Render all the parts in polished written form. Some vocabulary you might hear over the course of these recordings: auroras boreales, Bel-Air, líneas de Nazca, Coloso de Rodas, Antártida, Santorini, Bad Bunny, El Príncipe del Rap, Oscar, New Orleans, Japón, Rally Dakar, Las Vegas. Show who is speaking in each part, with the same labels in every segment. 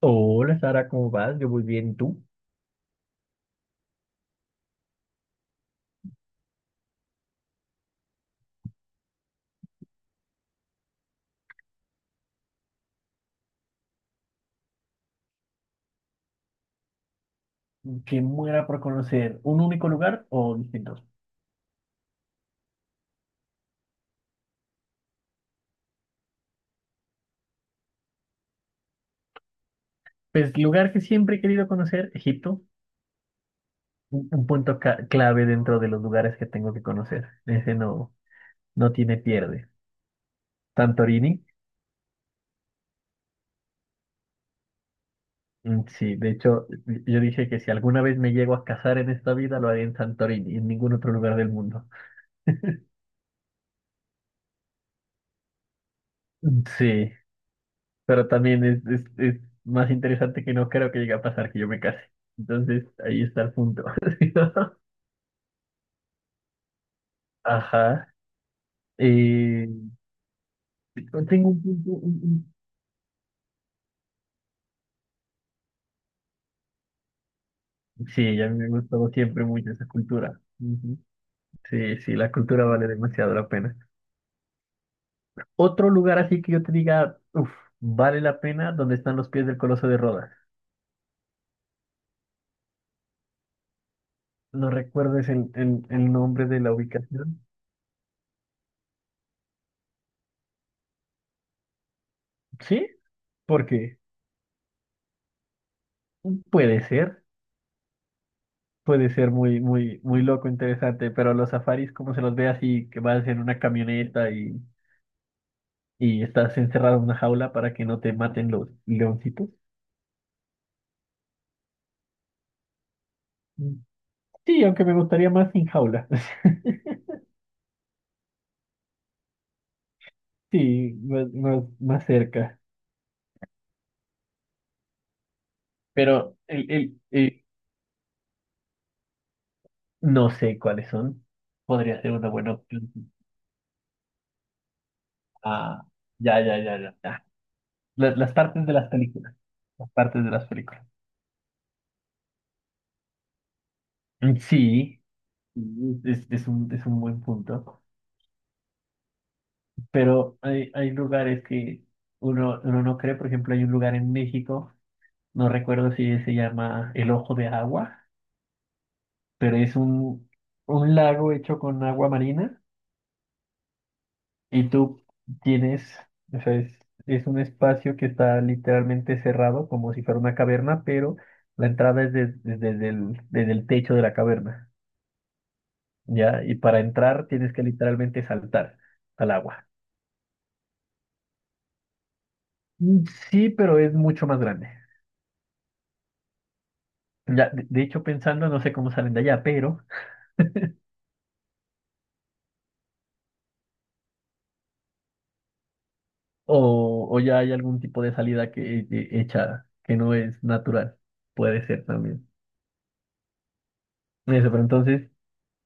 Speaker 1: Hola, Sara, ¿cómo vas? Yo muy bien, ¿y tú? ¿Qué muera por conocer un único lugar o distintos? Pues lugar que siempre he querido conocer, Egipto, un punto clave dentro de los lugares que tengo que conocer. Ese no, no tiene pierde. Santorini, mm, sí, de hecho yo dije que si alguna vez me llego a casar en esta vida lo haré en Santorini, en ningún otro lugar del mundo. Mm, sí, pero también es, es más interesante que no creo que llegue a pasar que yo me case. Entonces ahí está el punto. Ajá. Eh, tengo un punto. Sí, a mí me ha gustado siempre mucho esa cultura. Ujú. Sí, sí, la cultura vale demasiado la pena. Otro lugar así que yo te diga, uff, vale la pena, donde están los pies del Coloso de Rodas. ¿No recuerdes el nombre de la ubicación? Sí, porque puede ser, puede ser muy, muy, muy loco, interesante, pero los safaris, como se los ve así, que vas en una camioneta y estás encerrado en una jaula para que no te maten los leoncitos. Sí, aunque me gustaría más sin jaula. Sí, más, más, más cerca. Pero no sé cuáles son. Podría ser una buena opción. Ah, ya, ya, ya, ya, ya. Las partes de las películas. Las partes de las películas. Mm, sí, mm, es, es un buen punto. Pero hay lugares que uno no cree. Por ejemplo, hay un lugar en México, no recuerdo si se llama El Ojo de Agua, pero es un lago hecho con agua marina. Y tú tienes, o sea, es un espacio que está literalmente cerrado, como si fuera una caverna, pero la entrada es desde, desde el techo de la caverna, ¿ya? Y para entrar tienes que literalmente saltar al agua. Mm, sí, pero es mucho más grande. Ya, de hecho, pensando, no sé cómo salen de allá, pero o ya hay algún tipo de salida que hecha que no es natural. Puede ser también. Eso, pero entonces.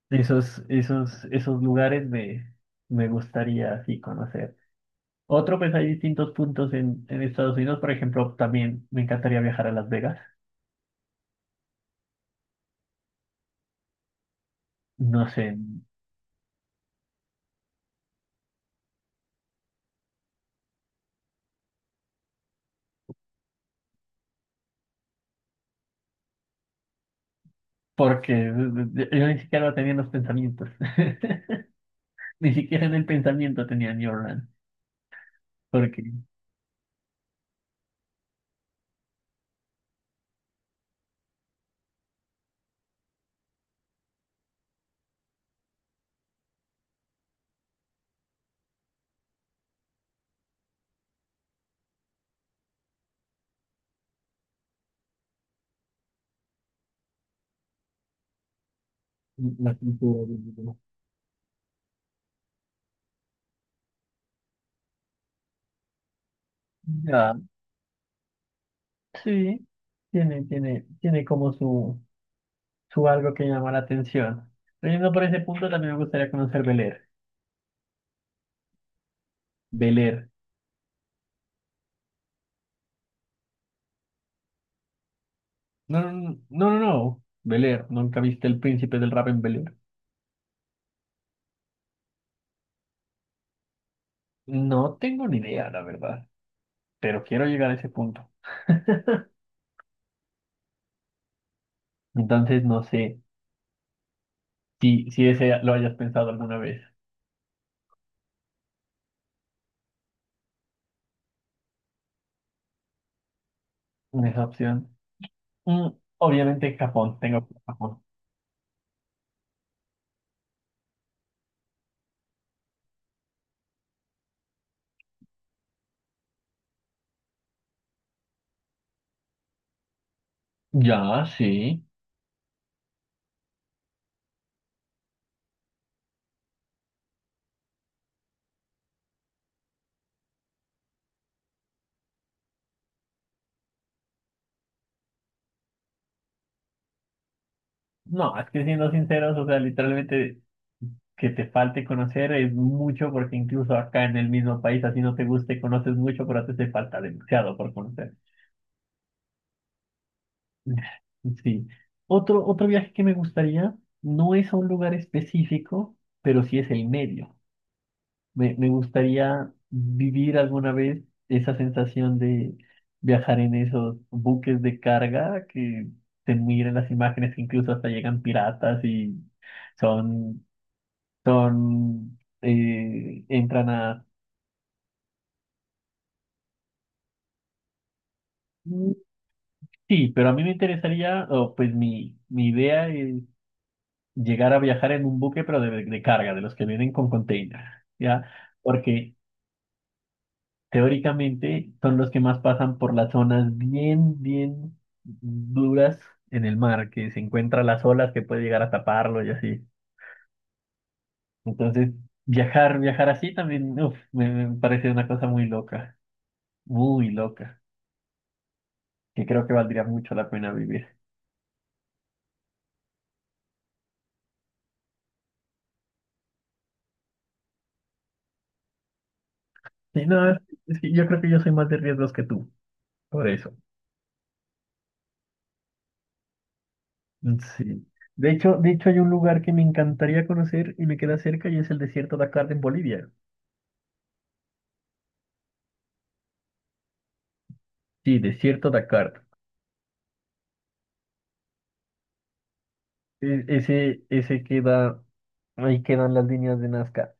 Speaker 1: Esos lugares me, me gustaría así conocer. Otro, pues hay distintos puntos en Estados Unidos. Por ejemplo, también me encantaría viajar a Las Vegas. No sé, porque yo ni siquiera tenía en los pensamientos. Ni siquiera en el pensamiento tenía New Orleans. Porque la cultura. Ya, sí, tiene, tiene, tiene como su algo que llama la atención. Pero yendo por ese punto, también me gustaría conocer Bel Air. Bel Air. No, no, no, no, no, no. Bel-Air, ¿nunca viste El Príncipe del Rap en Bel-Air? No tengo ni idea, la verdad, pero quiero llegar a ese punto. Entonces, no sé si, si ese lo hayas pensado alguna vez, esa opción. Mm, obviamente Japón, Japón. Ya, sí. No, es que siendo sinceros, o sea, literalmente que te falte conocer es mucho porque incluso acá en el mismo país, así no te guste, conoces mucho, pero te hace falta demasiado por conocer. Sí. Otro, otro viaje que me gustaría no es a un lugar específico, pero sí es el medio. Me gustaría vivir alguna vez esa sensación de viajar en esos buques de carga que se miran las imágenes, que incluso hasta llegan piratas y son, son, entran a... Mm, sí, pero a mí me interesaría, o pues mi idea es llegar a viajar en un buque, pero de carga, de los que vienen con container, ¿ya? Porque teóricamente son los que más pasan por las zonas bien, bien duras en el mar, que se encuentran las olas que puede llegar a taparlo y así. Entonces, viajar, viajar así también, uf, me parece una cosa muy loca, que creo que valdría mucho la pena vivir. Sí, no, es que yo creo que yo soy más de riesgos que tú, por eso. Sí. De hecho, hay un lugar que me encantaría conocer y me queda cerca y es el desierto Dakar en Bolivia. Sí, desierto Dakar. Ese, ese queda, ahí quedan las líneas de Nazca.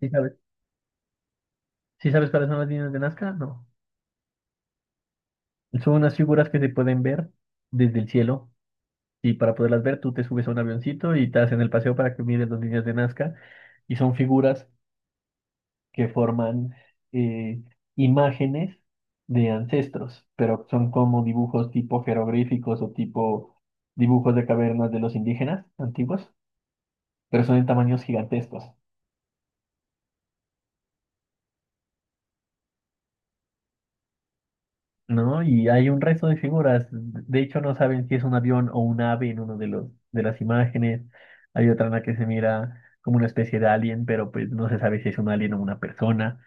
Speaker 1: ¿Sí sabes? ¿Sí sabes cuáles son las líneas de Nazca? No. Son unas figuras que se pueden ver desde el cielo. Y para poderlas ver, tú te subes a un avioncito y te hacen el paseo para que mires las líneas de Nazca. Y son figuras que forman eh, imágenes de ancestros, pero son como dibujos tipo jeroglíficos o tipo dibujos de cavernas de los indígenas antiguos, pero son en tamaños gigantescos, ¿no? Y hay un resto de figuras. De hecho, no saben si es un avión o un ave en uno de los de las imágenes. Hay otra en la que se mira como una especie de alien, pero pues no se sabe si es un alien o una persona.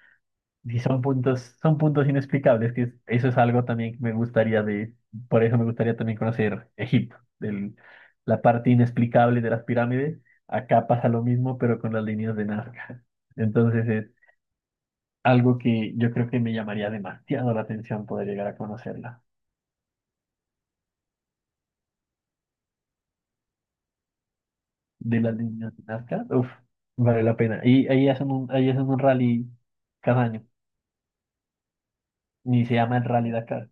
Speaker 1: Sí, son puntos inexplicables, eso es algo también que me gustaría de, por eso me gustaría también conocer Egipto, la parte inexplicable de las pirámides. Acá pasa lo mismo, pero con las líneas de Nazca. Entonces es algo que yo creo que me llamaría demasiado la atención poder llegar a conocerla. De las líneas de Nazca, uff, vale la pena. Y ahí hacen ahí hacen un rally cada año, ni se llama el Rally Dakar.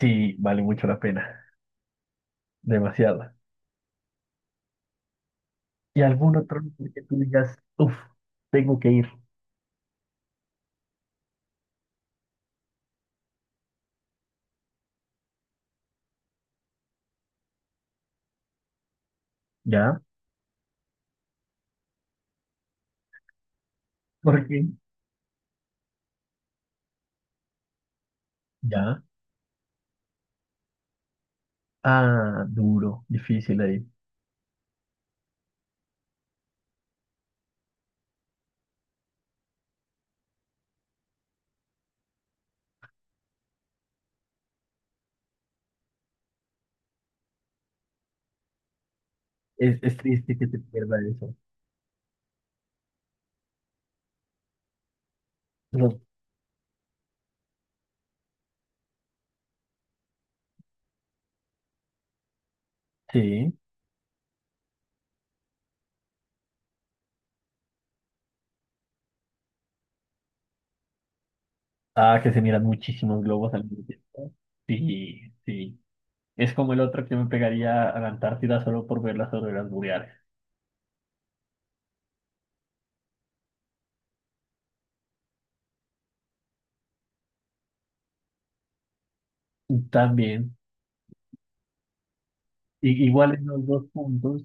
Speaker 1: Sí, vale mucho la pena, demasiado. Y algún otro lugar que tú digas, uff, tengo que ir. Ya, porque, ya. Ah, duro, difícil ahí. Es triste que te pierda eso. No, sí. Ah, que se miran muchísimos globos al mismo tiempo. Sí, sí. Es como el otro que me pegaría a la Antártida solo por ver las auroras boreales. También. Igual en los dos puntos,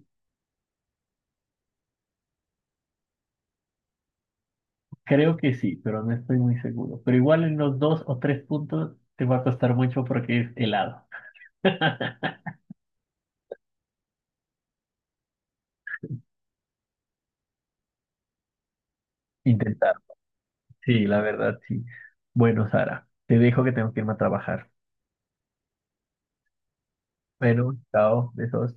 Speaker 1: creo que sí, pero no estoy muy seguro. Pero igual en los dos o tres puntos te va a costar mucho porque es helado. Intentar sí, la verdad, sí. Bueno, Sara, te dejo que tengo que irme a trabajar. Bueno, chao, besos.